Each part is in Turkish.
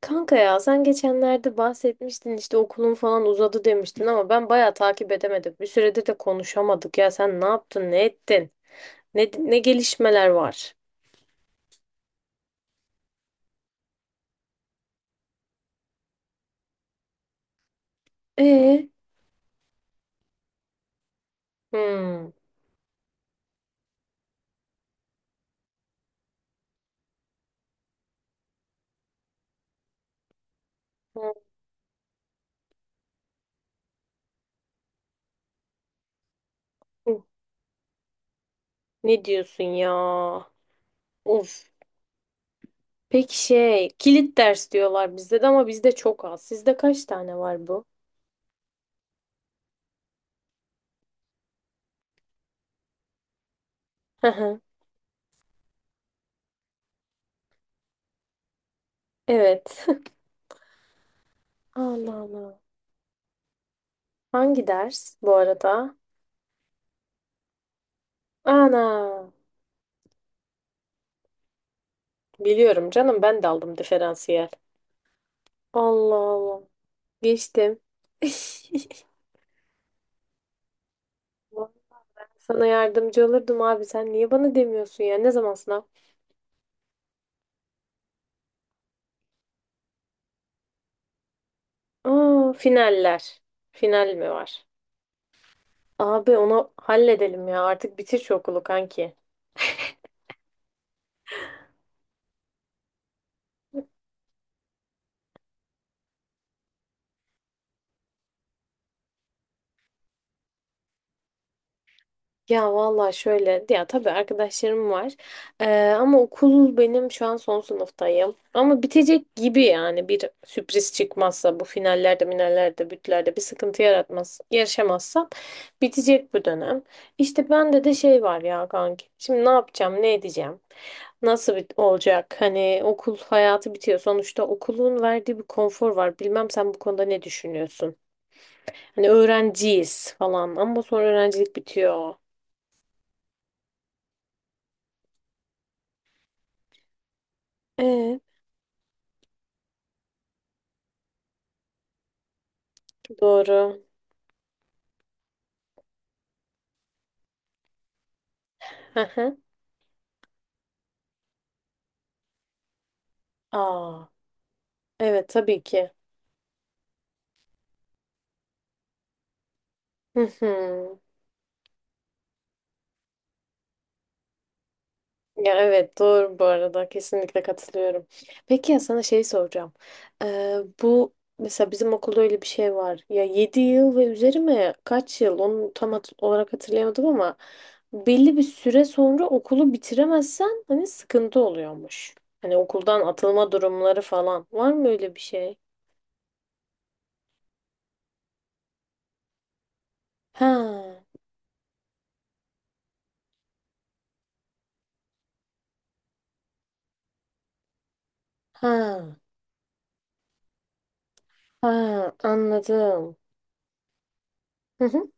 Kanka ya sen geçenlerde bahsetmiştin işte okulun falan uzadı demiştin ama ben bayağı takip edemedim. Bir süredir de konuşamadık ya sen ne yaptın ne ettin? Ne gelişmeler var? Ee? Hmm. Hmm. Ne diyorsun ya? Of. Peki şey kilit ders diyorlar bizde de ama bizde çok az. Sizde kaç tane var bu? Hı hı. Evet. Allah Allah. Hangi ders bu arada? Ana. Biliyorum canım ben de aldım diferansiyel. Allah Allah. Geçtim. Sana yardımcı olurdum abi. Sen niye bana demiyorsun ya? Ne zaman sınav? Aa, finaller. Final mi var? Abi onu halledelim ya. Artık bitir şu okulu kanki. Ya valla şöyle ya tabii arkadaşlarım var. Ama okul benim şu an son sınıftayım ama bitecek gibi yani bir sürpriz çıkmazsa bu finallerde minallerde bütlerde bir sıkıntı yaratmaz yaşamazsam bitecek bu dönem. İşte bende de şey var ya kanki şimdi ne yapacağım ne edeceğim nasıl bit olacak, hani okul hayatı bitiyor sonuçta, okulun verdiği bir konfor var, bilmem sen bu konuda ne düşünüyorsun? Hani öğrenciyiz falan ama sonra öğrencilik bitiyor. Doğru. Hı hı. Aa, evet tabii ki. Hı hı. Ya evet doğru, bu arada kesinlikle katılıyorum. Peki ya sana şey soracağım. Bu mesela bizim okulda öyle bir şey var. Ya 7 yıl ve üzeri mi? Kaç yıl? Onu olarak hatırlayamadım ama belli bir süre sonra okulu bitiremezsen hani sıkıntı oluyormuş. Hani okuldan atılma durumları falan. Var mı öyle bir şey? Ha, ha, ha anladım. Hı hı.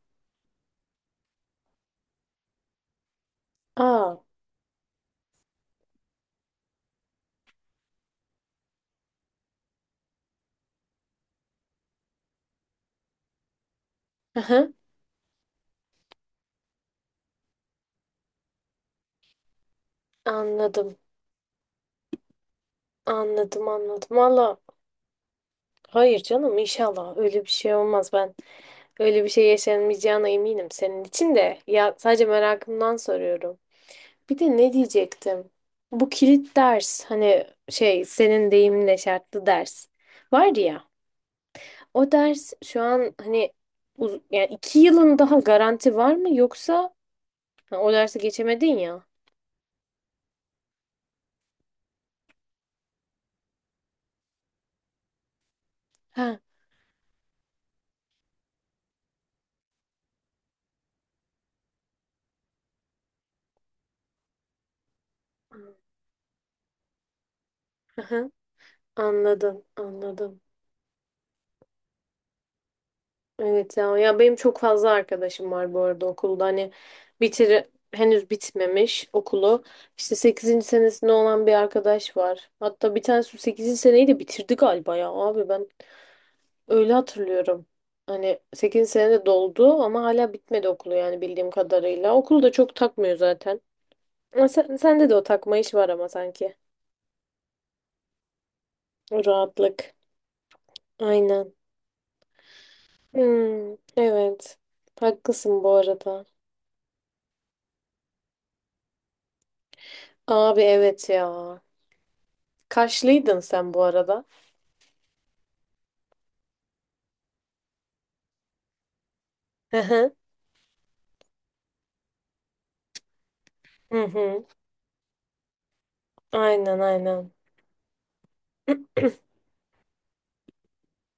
Aa. Hı hı. Anladım. Anladım. Valla hayır canım inşallah öyle bir şey olmaz ben. Öyle bir şey yaşanmayacağına eminim senin için de. Ya sadece merakımdan soruyorum. Bir de ne diyecektim? Bu kilit ders hani şey senin deyiminle şartlı ders var ya. O ders şu an hani yani iki yılın daha garanti var mı yoksa ha, o dersi geçemedin ya. Ha. Hı hı. Anladım. Evet ya, ya benim çok fazla arkadaşım var bu arada okulda, hani bitir henüz bitmemiş okulu, işte sekizinci senesinde olan bir arkadaş var, hatta bir tanesi sekizinci seneyi de bitirdi galiba ya abi ben öyle hatırlıyorum, hani 8. senede doldu ama hala bitmedi okulu, yani bildiğim kadarıyla okulu da çok takmıyor zaten ama sende de o takma iş var ama sanki o rahatlık aynen. Hmm, evet haklısın bu arada. Abi evet ya. Kaşlıydın sen bu arada. Hı hı. Hı hı. Aynen aynen.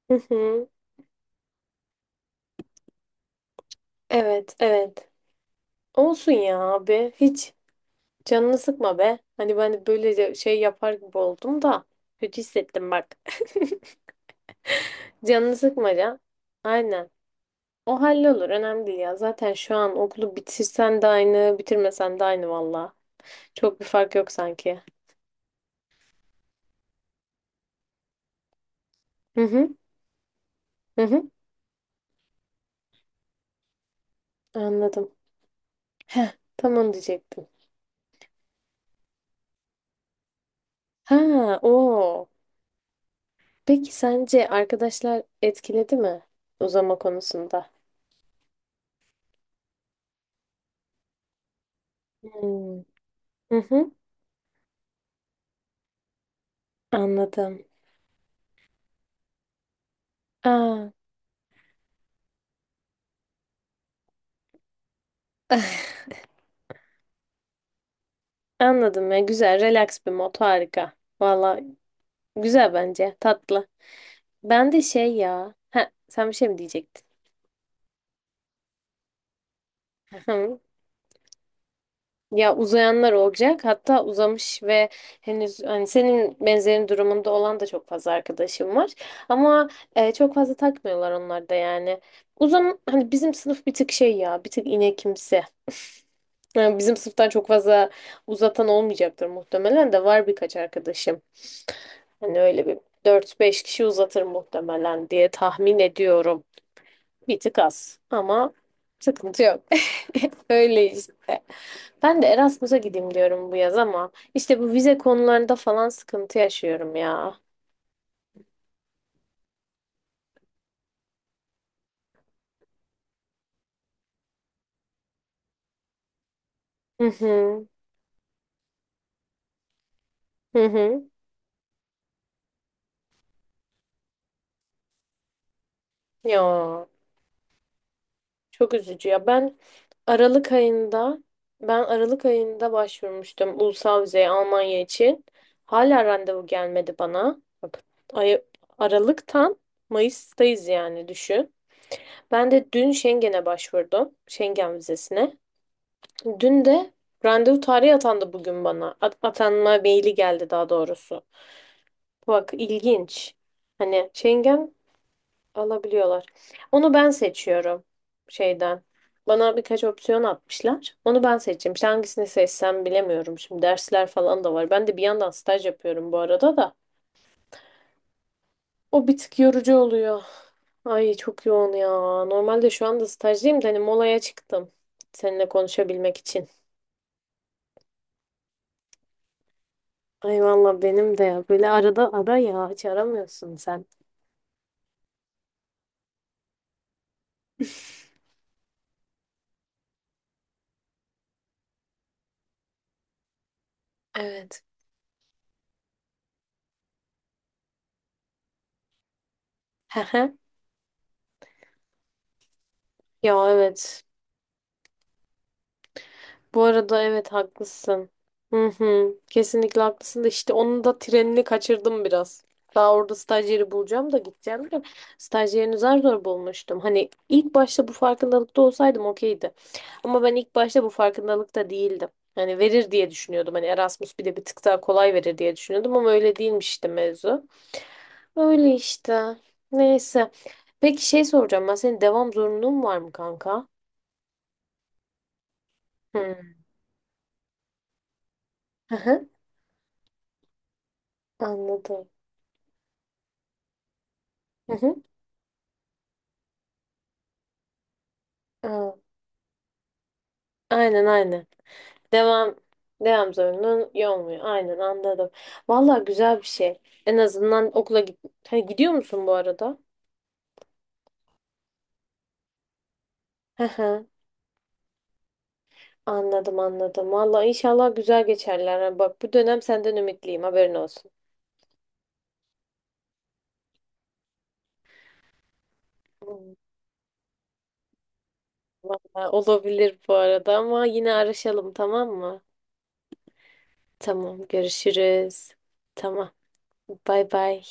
Hı hı. Evet evet. Olsun ya abi. Hiç canını sıkma be. Hani ben böylece şey yapar gibi oldum da. Kötü hissettim bak. Canını sıkma ya. Aynen. O hallolur. Önemli değil ya. Zaten şu an okulu bitirsen de aynı, bitirmesen de aynı valla. Çok bir fark yok sanki. Hı hı. Hı hı. Anladım. Heh, tam onu diyecektim. Ha, o. Peki sence arkadaşlar etkiledi mi uzama konusunda? Hmm. Hı hı. Anladım. Aa. Anladım ya, güzel relax bir mod, harika. Valla güzel, bence tatlı. Ben de şey ya. Ha, sen bir şey mi diyecektin? Hı. Ya uzayanlar olacak, hatta uzamış ve henüz hani senin benzerin durumunda olan da çok fazla arkadaşım var. Ama çok fazla takmıyorlar onlar da yani. Uzam hani bizim sınıf bir tık şey ya, bir tık inekimsi. Yani bizim sınıftan çok fazla uzatan olmayacaktır muhtemelen, de var birkaç arkadaşım. Hani öyle bir dört beş kişi uzatır muhtemelen diye tahmin ediyorum. Bir tık az ama sıkıntı yok. Öyle işte. Ben de Erasmus'a gideyim diyorum bu yaz ama işte bu vize konularında falan sıkıntı yaşıyorum ya. Hı hı. Hı hı. Ya. Çok üzücü ya. Aralık ayında Ben Aralık ayında başvurmuştum ulusal vizeye Almanya için. Hala randevu gelmedi bana. Bak, ay, Aralık'tan Mayıs'tayız yani düşün. Ben de dün Schengen'e başvurdum. Schengen vizesine. Dün de randevu tarihi atandı bugün bana. Atanma maili geldi daha doğrusu. Bak ilginç. Hani Schengen alabiliyorlar. Onu ben seçiyorum şeyden. Bana birkaç opsiyon atmışlar. Onu ben seçeceğim. İşte hangisini seçsem bilemiyorum. Şimdi dersler falan da var. Ben de bir yandan staj yapıyorum bu arada da. O bir tık yorucu oluyor. Ay çok yoğun ya. Normalde şu anda stajdayım da hani molaya çıktım. Seninle konuşabilmek için. Ay valla benim de ya. Böyle arada ara ya. Hiç aramıyorsun sen. Evet. Hehe. Ya evet. Bu arada evet haklısın. Hı hı. Kesinlikle haklısın da işte onun da trenini kaçırdım biraz. Daha orada stajyeri bulacağım da gideceğim de stajyerini zar zor bulmuştum. Hani ilk başta bu farkındalıkta olsaydım okeydi. Ama ben ilk başta bu farkındalıkta değildim. Hani verir diye düşünüyordum. Hani Erasmus bir de bir tık daha kolay verir diye düşünüyordum ama öyle değilmiş işte mevzu. Öyle işte. Neyse. Peki şey soracağım, ben senin devam zorunluluğun var mı kanka? Hı. Hı hı. Anladım. Hı hı. Aa. Aynen aynen. Devam devam zorunlu olmuyor. Aynen anladım. Vallahi güzel bir şey. En azından okula git. Ha, gidiyor musun bu arada? Hı hı. Anladım. Vallahi inşallah güzel geçerler. Ha, bak bu dönem senden ümitliyim, haberin olsun. Hmm, vallahi olabilir bu arada ama yine araşalım tamam mı? Tamam görüşürüz. Tamam. Bay bay.